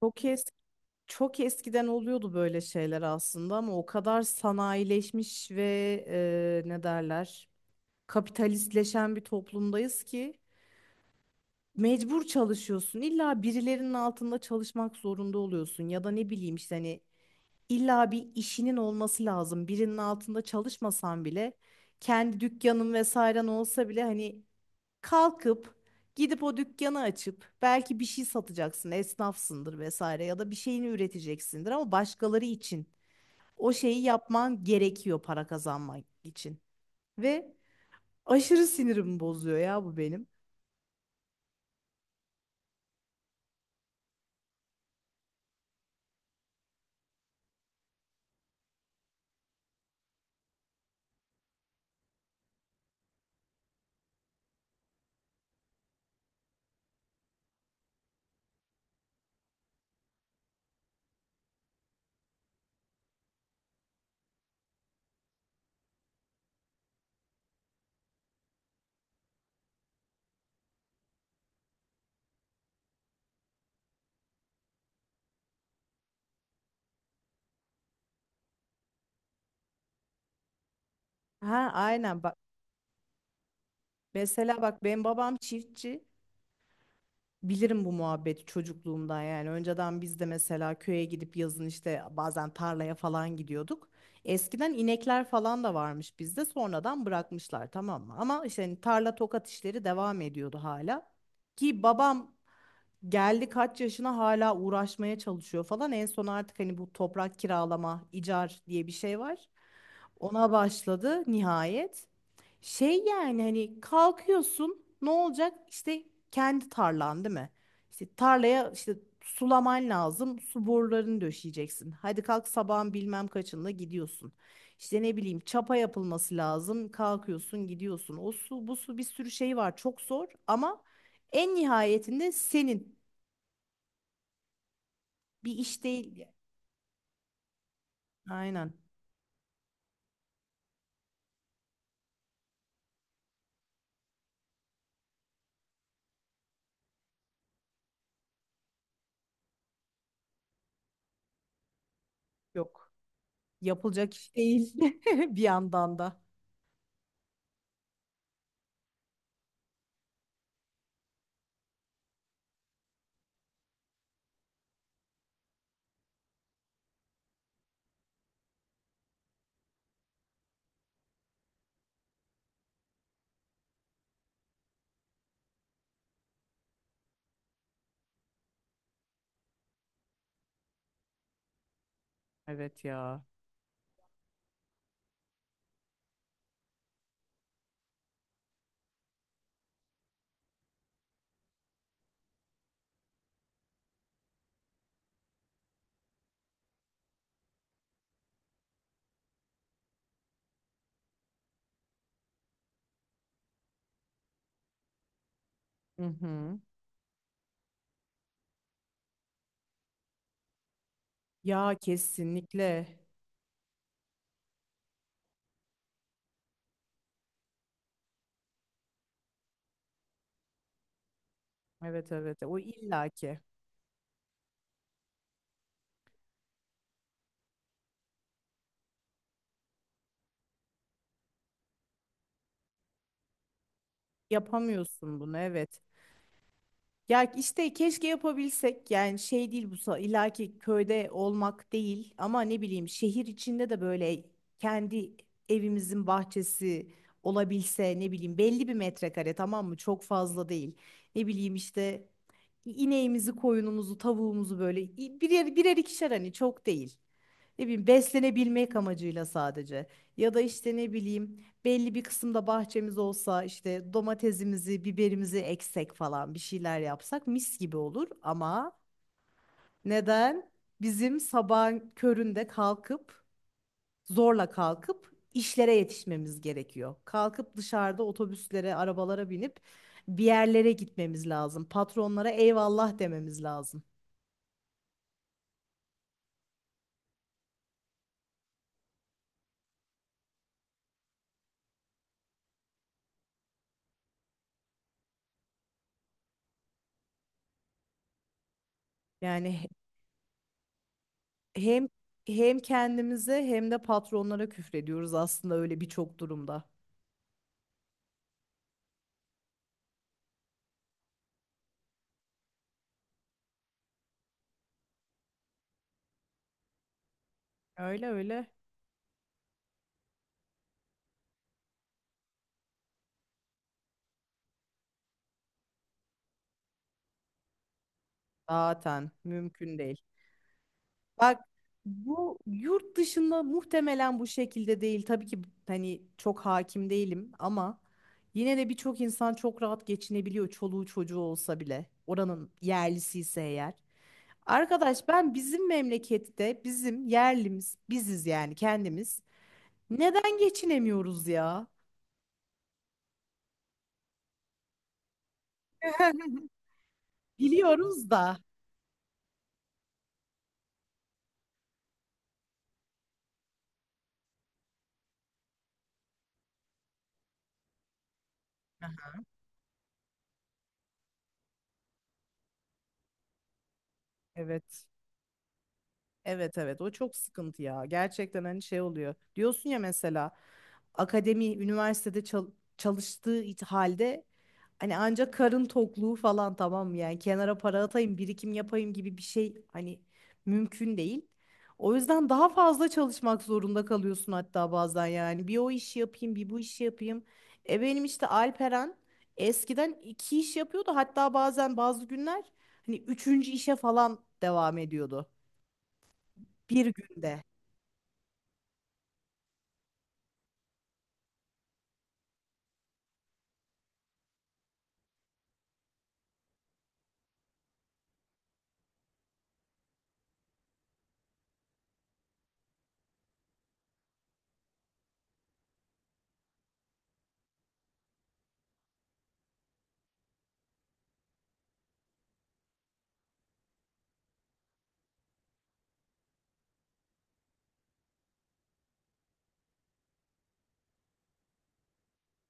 Çok es Çok eskiden oluyordu böyle şeyler aslında ama o kadar sanayileşmiş ve e, ne derler kapitalistleşen bir toplumdayız ki mecbur çalışıyorsun. İlla birilerinin altında çalışmak zorunda oluyorsun ya da ne bileyim işte hani illa bir işinin olması lazım. Birinin altında çalışmasan bile kendi dükkanın vesairen olsa bile hani kalkıp gidip o dükkanı açıp belki bir şey satacaksın, esnafsındır vesaire ya da bir şeyini üreteceksindir ama başkaları için o şeyi yapman gerekiyor para kazanmak için. Ve aşırı sinirimi bozuyor ya bu benim. Ha aynen bak, mesela bak benim babam çiftçi. Bilirim bu muhabbeti çocukluğumdan yani. Önceden biz de mesela köye gidip yazın işte bazen tarlaya falan gidiyorduk. Eskiden inekler falan da varmış bizde. Sonradan bırakmışlar, tamam mı? Ama işte hani tarla tokat işleri devam ediyordu hala. Ki babam geldi kaç yaşına, hala uğraşmaya çalışıyor falan. En son artık hani bu toprak kiralama, icar diye bir şey var. Ona başladı nihayet. Şey yani hani kalkıyorsun, ne olacak? İşte kendi tarlan değil mi? İşte tarlaya işte sulaman lazım. Su borularını döşeyeceksin. Hadi kalk, sabahın bilmem kaçında gidiyorsun. İşte ne bileyim çapa yapılması lazım. Kalkıyorsun gidiyorsun. O su bu su, bir sürü şey var. Çok zor ama en nihayetinde senin bir iş değil yani. Aynen. Yok. Yapılacak iş değil bir yandan da. Evet ya. Hı hı. Ya kesinlikle. Evet evet, o illaki yapamıyorsun bunu, evet. Ya işte keşke yapabilsek yani şey değil, illaki köyde olmak değil ama ne bileyim şehir içinde de böyle kendi evimizin bahçesi olabilse, ne bileyim belli bir metrekare, tamam mı, çok fazla değil. Ne bileyim işte İneğimizi, koyunumuzu, tavuğumuzu böyle birer birer, ikişer, hani çok değil. Ne bileyim beslenebilmek amacıyla sadece. Ya da işte ne bileyim belli bir kısımda bahçemiz olsa, işte domatesimizi, biberimizi eksek falan, bir şeyler yapsak mis gibi olur ama neden bizim sabahın köründe kalkıp zorla kalkıp işlere yetişmemiz gerekiyor. Kalkıp dışarıda otobüslere, arabalara binip bir yerlere gitmemiz lazım. Patronlara eyvallah dememiz lazım. Yani hem hem kendimize hem de patronlara küfrediyoruz aslında öyle birçok durumda. Öyle öyle. Zaten mümkün değil. Bak, bu yurt dışında muhtemelen bu şekilde değil. Tabii ki hani çok hakim değilim ama yine de birçok insan çok rahat geçinebiliyor çoluğu çocuğu olsa bile. Oranın yerlisi ise eğer. Arkadaş, ben bizim memlekette bizim yerlimiz biziz yani, kendimiz. Neden geçinemiyoruz ya? Biliyoruz da. Evet. Evet evet, o çok sıkıntı ya. Gerçekten hani şey oluyor. Diyorsun ya mesela akademi üniversitede çal- halde hani ancak karın tokluğu falan, tamam mı? Yani kenara para atayım, birikim yapayım gibi bir şey hani mümkün değil. O yüzden daha fazla çalışmak zorunda kalıyorsun hatta bazen yani. Bir o işi yapayım, bir bu işi yapayım. E benim işte Alperen eskiden iki iş yapıyordu. Hatta bazen bazı günler hani üçüncü işe falan devam ediyordu. Bir günde.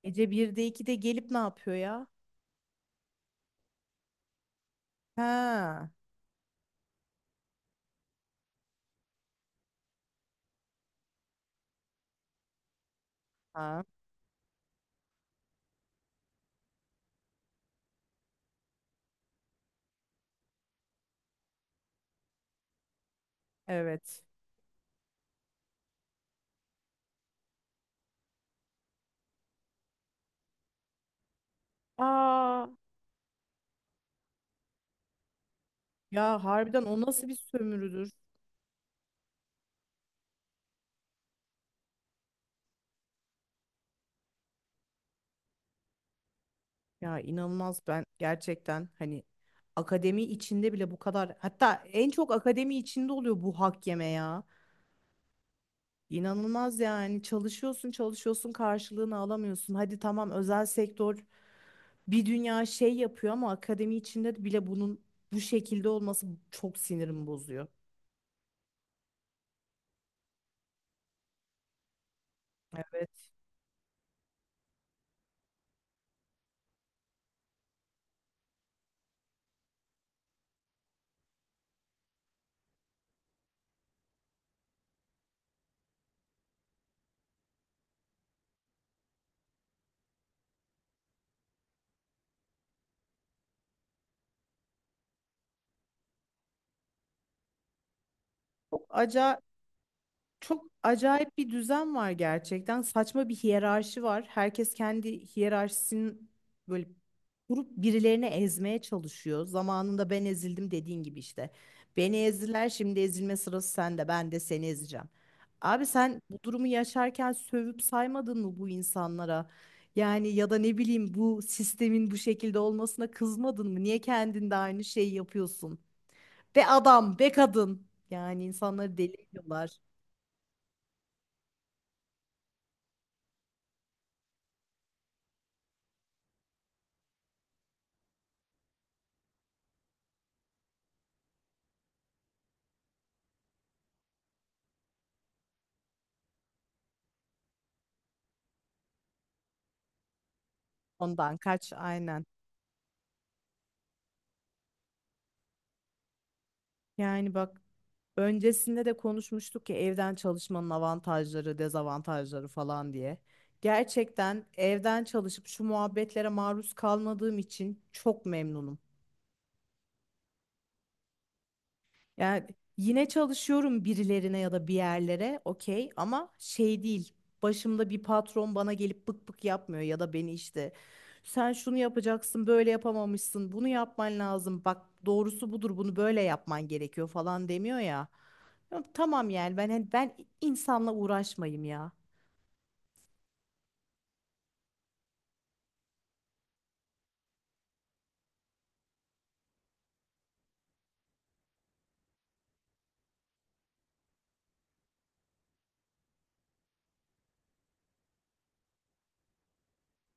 Gece 1'de 2'de gelip ne yapıyor ya? Ha. Ha. Evet. Aa. Ya harbiden o nasıl bir sömürüdür? Ya inanılmaz, ben gerçekten hani akademi içinde bile bu kadar, hatta en çok akademi içinde oluyor bu hak yeme ya. İnanılmaz yani, çalışıyorsun çalışıyorsun karşılığını alamıyorsun. Hadi tamam, özel sektör bir dünya şey yapıyor ama akademi içinde de bile bunun bu şekilde olması çok sinirimi bozuyor. Evet. Çok acayip. Çok acayip bir düzen var gerçekten. Saçma bir hiyerarşi var. Herkes kendi hiyerarşisini böyle kurup birilerini ezmeye çalışıyor. Zamanında ben ezildim dediğin gibi işte. Beni ezdiler, şimdi ezilme sırası sende. Ben de seni ezeceğim. Abi, sen bu durumu yaşarken sövüp saymadın mı bu insanlara? Yani ya da ne bileyim bu sistemin bu şekilde olmasına kızmadın mı? Niye kendinde aynı şeyi yapıyorsun? Be adam, be kadın. Yani insanları deli ediyorlar. Ondan kaç aynen. Yani bak, öncesinde de konuşmuştuk ya evden çalışmanın avantajları, dezavantajları falan diye. Gerçekten evden çalışıp şu muhabbetlere maruz kalmadığım için çok memnunum. Yani yine çalışıyorum birilerine ya da bir yerlere okey ama şey değil. Başımda bir patron bana gelip bık bık yapmıyor ya da beni işte sen şunu yapacaksın, böyle yapamamışsın, bunu yapman lazım, bak doğrusu budur, bunu böyle yapman gerekiyor falan demiyor ya. Ya tamam yani, ben hani, ben insanla uğraşmayayım ya.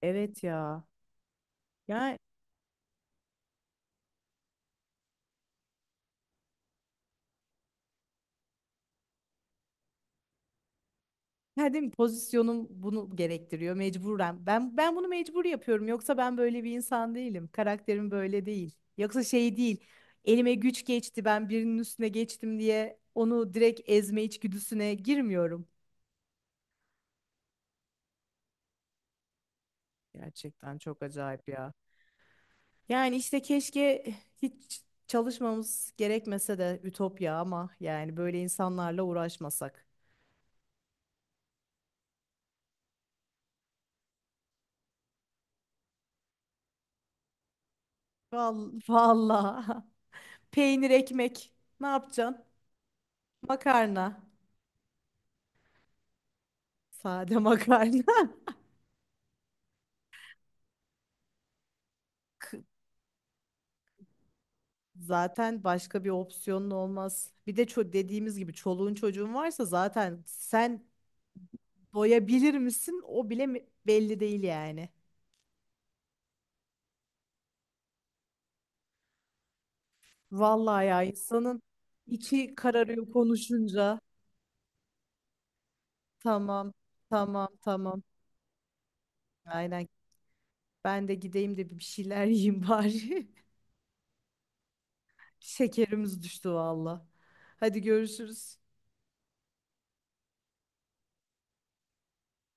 Evet ya. Yani Yani, değil mi? Pozisyonum bunu gerektiriyor mecburen. Ben bunu mecbur yapıyorum. Yoksa ben böyle bir insan değilim. Karakterim böyle değil. Yoksa şey değil. Elime güç geçti, ben birinin üstüne geçtim diye onu direkt ezme içgüdüsüne girmiyorum. Gerçekten çok acayip ya. Yani işte keşke hiç çalışmamız gerekmese de ütopya ama yani böyle insanlarla uğraşmasak. Vallahi, vallahi. Peynir ekmek ne yapacaksın? Makarna. Sade makarna. Zaten başka bir opsiyonun olmaz. Bir de dediğimiz gibi çoluğun çocuğun varsa zaten sen doyabilir misin, belli değil yani. Vallahi ya insanın içi kararıyor konuşunca. Tamam, tamam, tamam. Aynen. Ben de gideyim de bir şeyler yiyeyim bari. Şekerimiz düştü valla. Hadi görüşürüz.